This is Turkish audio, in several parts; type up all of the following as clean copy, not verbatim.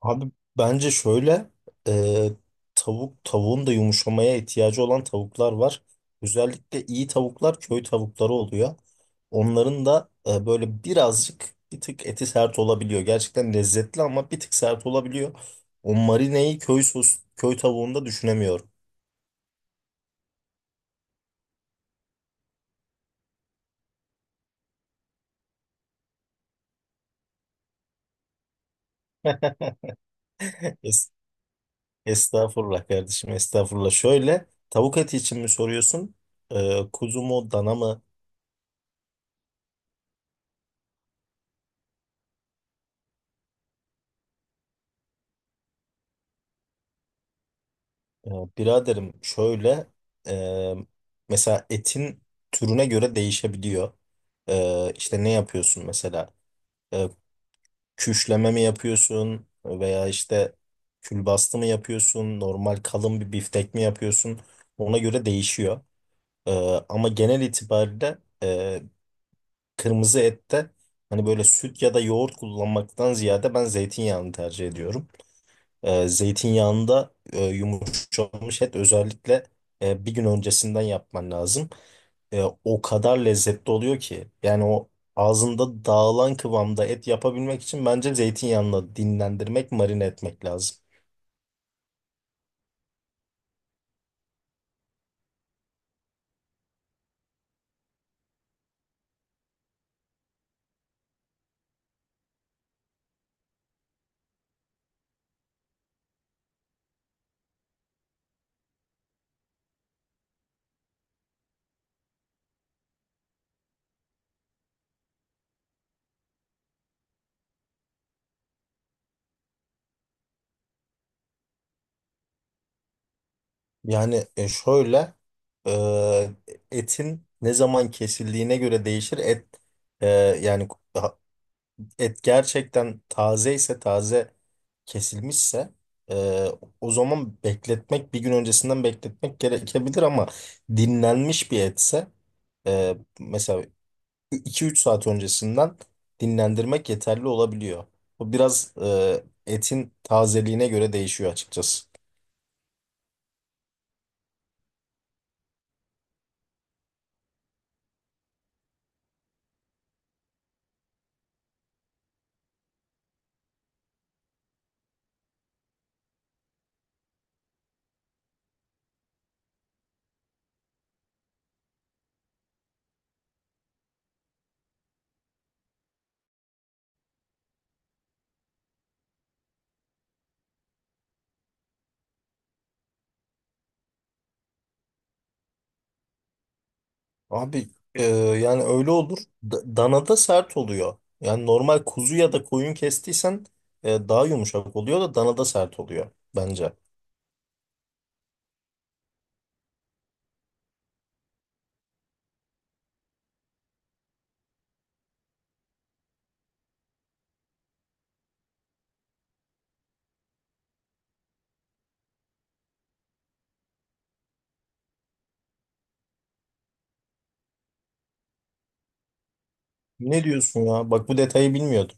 Abi bence şöyle, e, tavuğun da yumuşamaya ihtiyacı olan tavuklar var. Özellikle iyi tavuklar köy tavukları oluyor. Onların da böyle birazcık bir tık eti sert olabiliyor. Gerçekten lezzetli ama bir tık sert olabiliyor. O marineyi köy tavuğunda düşünemiyorum. Es- Estağfurullah kardeşim, estağfurullah. Şöyle, tavuk eti için mi soruyorsun? Kuzu mu, dana mı? Ee, Biraderim, şöyle e, mesela etin türüne göre değişebiliyor. İşte ne yapıyorsun mesela? Ee, Küşleme mi yapıyorsun, veya işte külbastı mı yapıyorsun? Normal kalın bir biftek mi yapıyorsun? Ona göre değişiyor. Ee, Ama genel itibariyle kırmızı ette hani böyle süt ya da yoğurt kullanmaktan ziyade ben zeytinyağını tercih ediyorum. Zeytinyağında yumuşamış et özellikle bir gün öncesinden yapman lazım. O kadar lezzetli oluyor ki, yani o ağzında dağılan kıvamda et yapabilmek için bence zeytinyağını dinlendirmek, marine etmek lazım. Yani şöyle, e, etin ne zaman kesildiğine göre değişir. Et e, yani et gerçekten taze ise, taze kesilmişse e, o zaman bir gün öncesinden bekletmek gerekebilir, ama dinlenmiş bir etse mesela 2-3 saat öncesinden dinlendirmek yeterli olabiliyor. Bu biraz etin tazeliğine göre değişiyor açıkçası. Abi yani öyle olur. Danada sert oluyor. Yani normal kuzu ya da koyun kestiysen daha yumuşak oluyor da danada sert oluyor bence. Ne diyorsun ya? Bak, bu detayı bilmiyordum.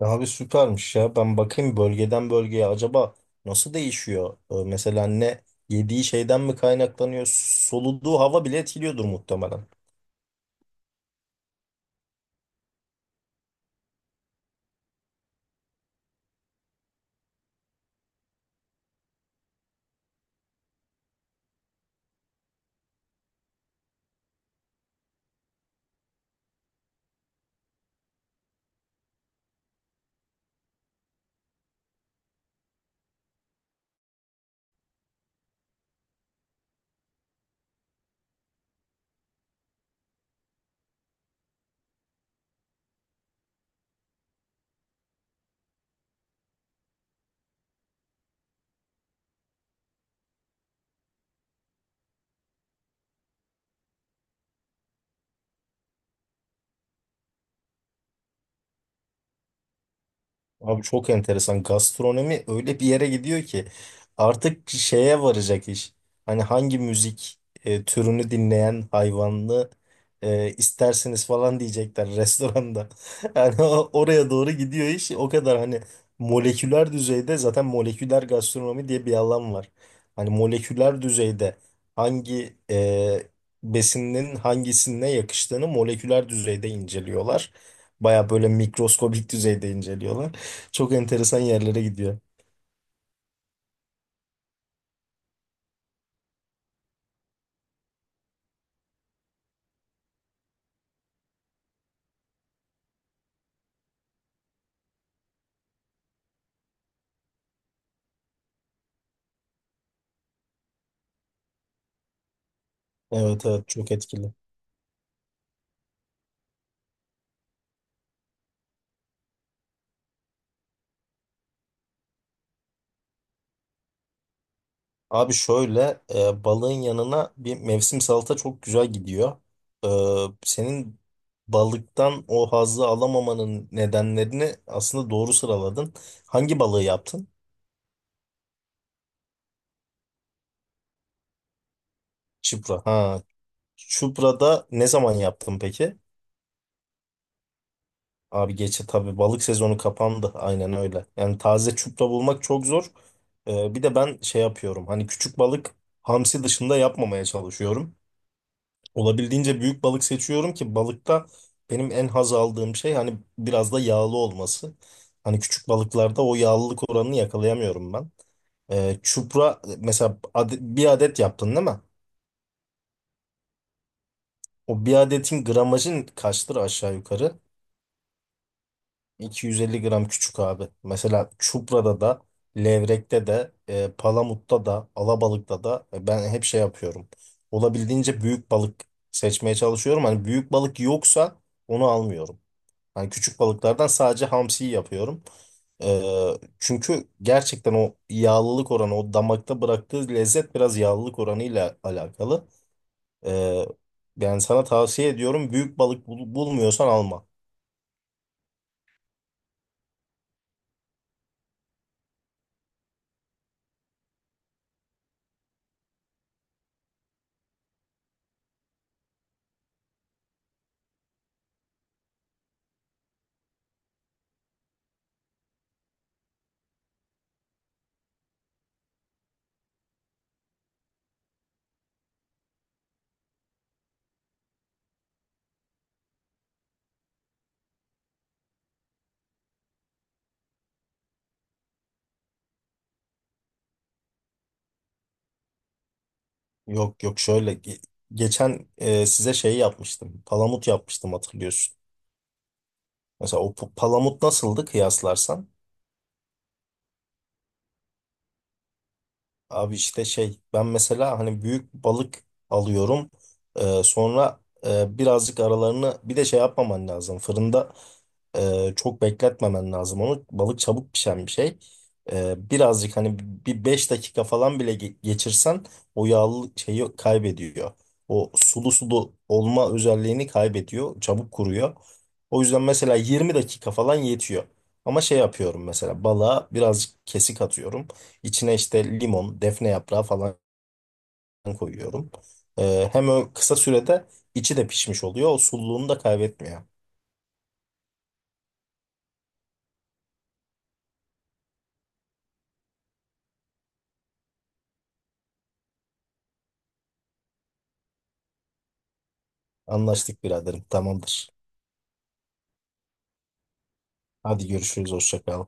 Ya abi, süpermiş ya. Ben bakayım, bölgeden bölgeye acaba nasıl değişiyor? Mesela ne yediği şeyden mi kaynaklanıyor? Soluduğu hava bile etkiliyordur muhtemelen. Abi, çok enteresan. Gastronomi öyle bir yere gidiyor ki artık şeye varacak iş. Hani hangi müzik türünü dinleyen hayvanlı isterseniz falan diyecekler restoranda. Yani oraya doğru gidiyor iş. O kadar hani moleküler düzeyde, zaten moleküler gastronomi diye bir alan var. Hani moleküler düzeyde hangi besinin hangisine yakıştığını moleküler düzeyde inceliyorlar. Baya böyle mikroskobik düzeyde inceliyorlar. Çok enteresan yerlere gidiyor. Evet, evet, çok etkili. Abi şöyle, balığın yanına bir mevsim salata çok güzel gidiyor. E, Senin balıktan o hazzı alamamanın nedenlerini aslında doğru sıraladın. Hangi balığı yaptın? Çupra. Ha, çuprada ne zaman yaptın peki? Abi geçe, tabii balık sezonu kapandı, aynen öyle. Yani taze çupra bulmak çok zor. E, bir de ben şey yapıyorum. Hani küçük balık, hamsi dışında yapmamaya çalışıyorum. Olabildiğince büyük balık seçiyorum ki, balıkta benim en haz aldığım şey hani biraz da yağlı olması. Hani küçük balıklarda o yağlılık oranını yakalayamıyorum ben. Çupra mesela, bir adet yaptın değil mi? O bir adetin gramajın kaçtır aşağı yukarı? 250 gram küçük abi. Mesela çuprada da, levrekte de, palamutta da, alabalıkta da, ben hep şey yapıyorum. Olabildiğince büyük balık seçmeye çalışıyorum. Hani büyük balık yoksa onu almıyorum. Yani küçük balıklardan sadece hamsiyi yapıyorum. Ee, Çünkü gerçekten o yağlılık oranı, o damakta bıraktığı lezzet biraz yağlılık oranıyla alakalı. Ee, Yani sana tavsiye ediyorum, büyük balık bulmuyorsan alma. Yok, yok, şöyle, geçen size şey yapmıştım. Palamut yapmıştım, hatırlıyorsun. Mesela o palamut nasıldı kıyaslarsan? Abi işte şey, ben mesela hani büyük balık alıyorum. Sonra birazcık aralarını bir de şey yapmaman lazım. Fırında çok bekletmemen lazım onu. Balık çabuk pişen bir şey. Birazcık hani bir 5 dakika falan bile geçirsen o yağlı şeyi kaybediyor. O sulu sulu olma özelliğini kaybediyor. Çabuk kuruyor. O yüzden mesela 20 dakika falan yetiyor. Ama şey yapıyorum, mesela balığa birazcık kesik atıyorum. İçine işte limon, defne yaprağı falan koyuyorum. Hem o kısa sürede içi de pişmiş oluyor, o sululuğunu da kaybetmiyor. Anlaştık biraderim. Tamamdır. Hadi görüşürüz. Hoşça kal.